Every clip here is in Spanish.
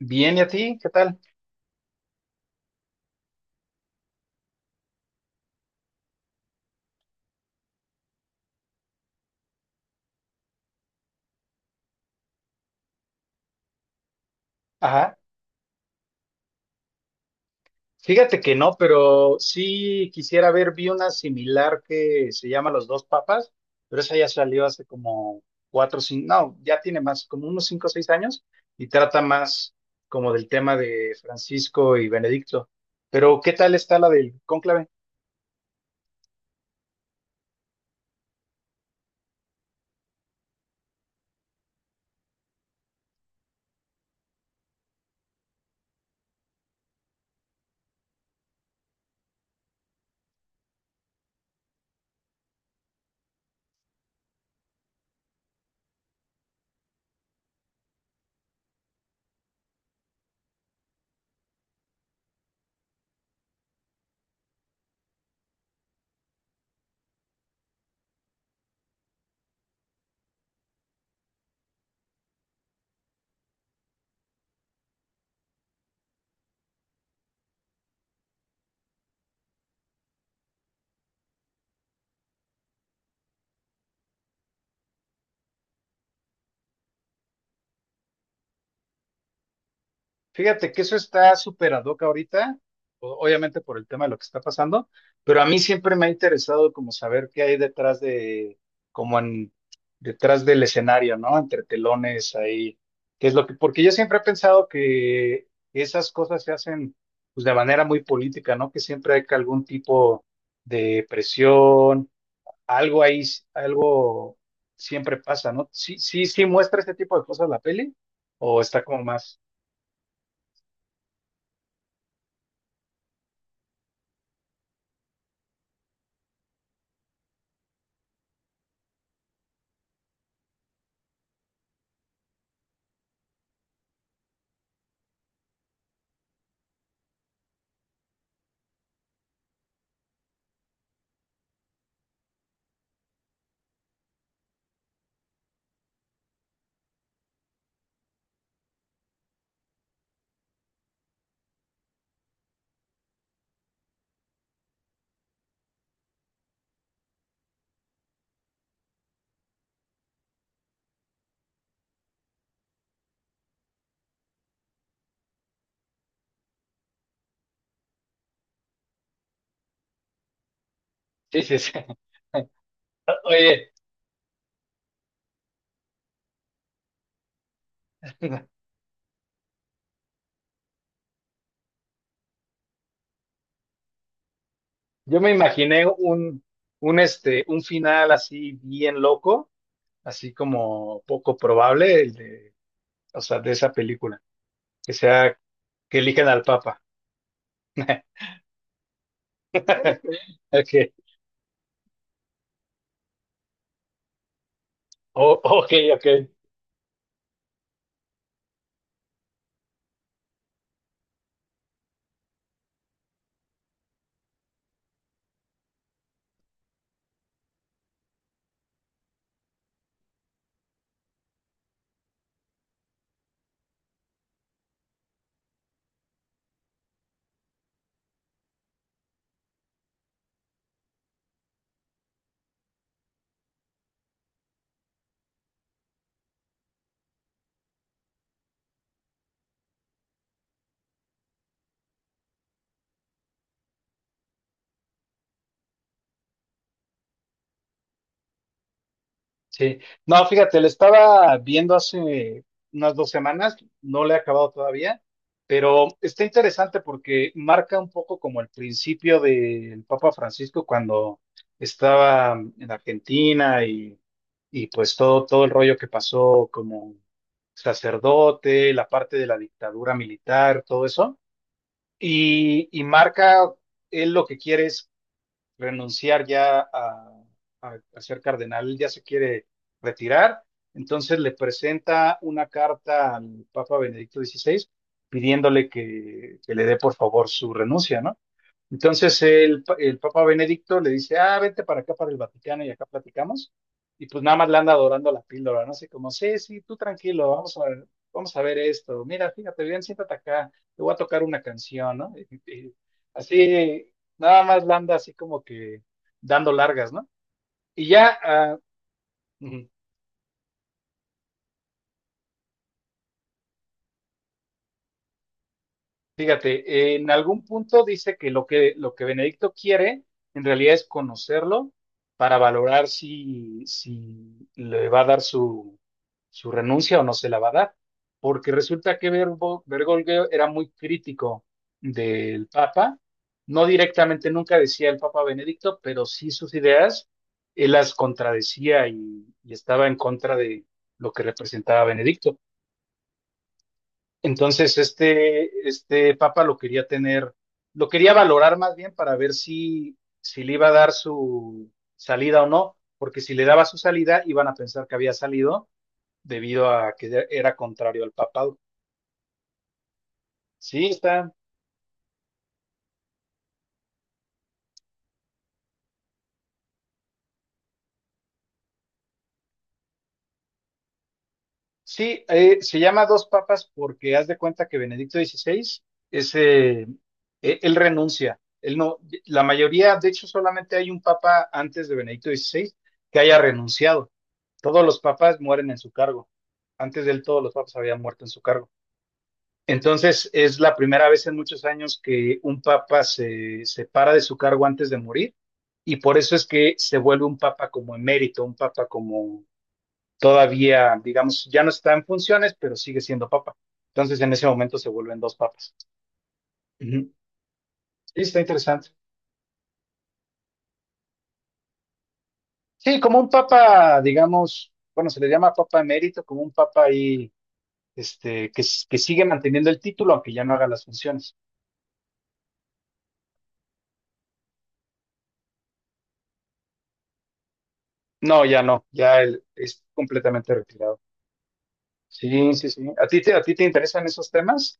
Bien, ¿y a ti? ¿Qué tal? Ajá. Fíjate que no, pero sí quisiera ver, vi una similar que se llama Los Dos Papas, pero esa ya salió hace como cuatro, cinco, no, ya tiene más, como unos cinco o seis años, y trata más como del tema de Francisco y Benedicto. Pero, ¿qué tal está la del cónclave? Fíjate que eso está súper ad hoc ahorita, obviamente por el tema de lo que está pasando, pero a mí siempre me ha interesado como saber qué hay detrás de, como en, detrás del escenario, ¿no? Entre telones ahí, qué es lo que, porque yo siempre he pensado que esas cosas se hacen pues de manera muy política, ¿no? Que siempre hay que algún tipo de presión, algo ahí, algo siempre pasa, ¿no? Sí, sí, sí muestra ese tipo de cosas la peli, o está como más, sí, sí, sí. Oye, yo me imaginé un, un final así bien loco, así como poco probable, el de, o sea, de esa película, que sea que elijan al Papa. Ok, ok, ok. Sí, no, fíjate, le estaba viendo hace unas dos semanas, no le he acabado todavía, pero está interesante porque marca un poco como el principio del Papa Francisco cuando estaba en Argentina y pues todo, todo el rollo que pasó como sacerdote, la parte de la dictadura militar, todo eso, y marca él lo que quiere es renunciar ya a, a ser cardenal, él ya se quiere retirar, entonces le presenta una carta al Papa Benedicto XVI pidiéndole que le dé por favor su renuncia, ¿no? Entonces el, el Papa Benedicto le dice, ah, vente para acá, para el Vaticano y acá platicamos. Y pues nada más le anda adorando la píldora, ¿no? Así como, sí, sí, tú tranquilo, vamos a, vamos a ver esto. Mira, fíjate bien, siéntate acá, te voy a tocar una canción, ¿no? Y así, nada más le anda así como que dando largas, ¿no? Y ya, ah, fíjate, en algún punto dice que lo que, lo que Benedicto quiere en realidad es conocerlo para valorar si, si le va a dar su, su renuncia o no se la va a dar, porque resulta que Bergoglio era muy crítico del Papa, no directamente nunca decía el Papa Benedicto, pero sí sus ideas, él las contradecía y estaba en contra de lo que representaba Benedicto. Entonces, este papa lo quería tener, lo quería valorar más bien para ver si, si le iba a dar su salida o no, porque si le daba su salida, iban a pensar que había salido debido a que era contrario al papado. Sí, está. Sí, se llama Dos Papas porque haz de cuenta que Benedicto XVI, ese, él renuncia. Él no, la mayoría, de hecho, solamente hay un papa antes de Benedicto XVI que haya renunciado. Todos los papas mueren en su cargo. Antes de él, todos los papas habían muerto en su cargo. Entonces, es la primera vez en muchos años que un papa se separa de su cargo antes de morir, y por eso es que se vuelve un papa como emérito, un papa como todavía, digamos, ya no está en funciones, pero sigue siendo papa. Entonces, en ese momento se vuelven dos papas. Ujú. Sí, está interesante. Sí, como un papa, digamos, bueno, se le llama papa emérito, como un papa ahí, que, que sigue manteniendo el título, aunque ya no haga las funciones. No, ya no, ya él es completamente retirado. Sí, sí, sí. A ti te interesan esos temas?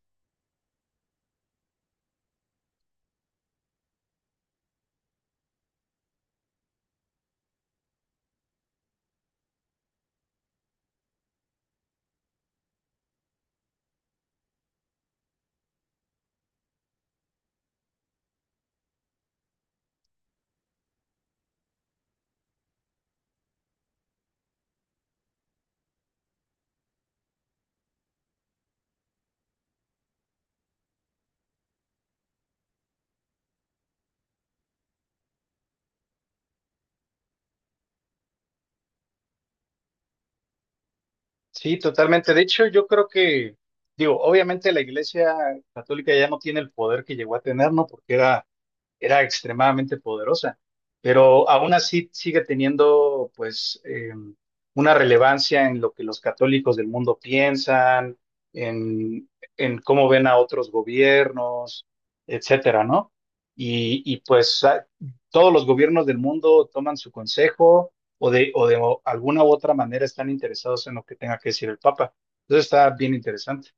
Sí, totalmente. De hecho, yo creo que, digo, obviamente la Iglesia Católica ya no tiene el poder que llegó a tener, ¿no? Porque era era extremadamente poderosa, pero aún así sigue teniendo pues una relevancia en lo que los católicos del mundo piensan, en, en cómo ven a otros gobiernos, etcétera, ¿no? Y, pues a- todos los gobiernos del mundo toman su consejo o de alguna u otra manera están interesados en lo que tenga que decir el Papa. Entonces está bien interesante.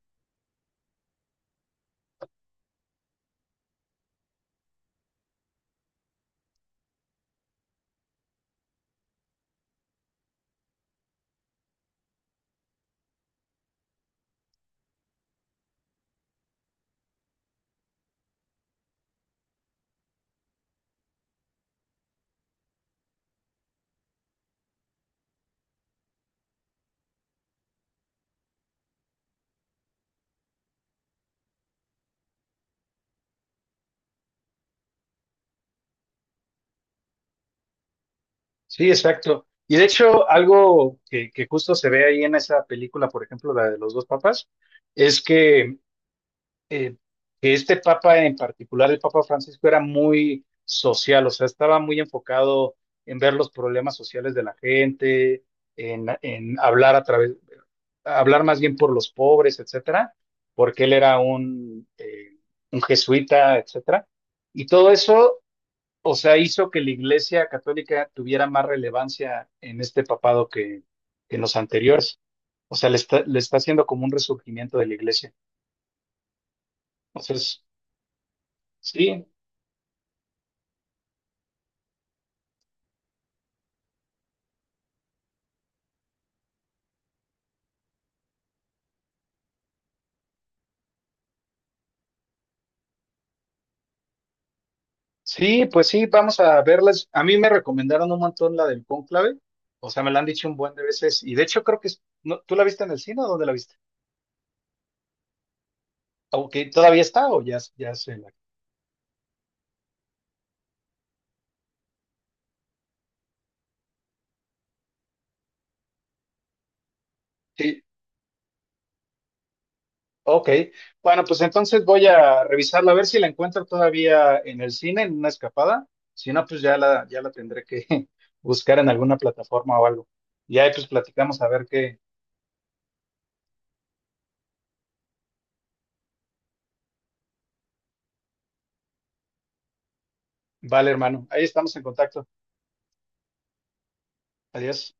Sí, exacto. Y de hecho, algo que justo se ve ahí en esa película, por ejemplo, la de los dos papas, es eh, que este papa en particular, el Papa Francisco, era muy social, o sea, estaba muy enfocado en ver los problemas sociales de la gente, en hablar a través, hablar más bien por los pobres, etcétera, porque él era un jesuita, etcétera. Y todo eso o sea, hizo que la Iglesia Católica tuviera más relevancia en este papado que en los anteriores. O sea, le está haciendo como un resurgimiento de la Iglesia. Entonces, sí, sí, pues sí, vamos a verlas. A mí me recomendaron un montón la del cónclave. O sea, me la han dicho un buen de veces. Y de hecho, creo que no, tú la viste en el cine o dónde la viste. Aunque todavía está o ya, ya se la. Ok, bueno, pues entonces voy a revisarla a ver si la encuentro todavía en el cine, en una escapada. Si no, pues ya la, ya la tendré que buscar en alguna plataforma o algo. Y ahí pues platicamos a ver qué. Vale, hermano. Ahí estamos en contacto. Adiós.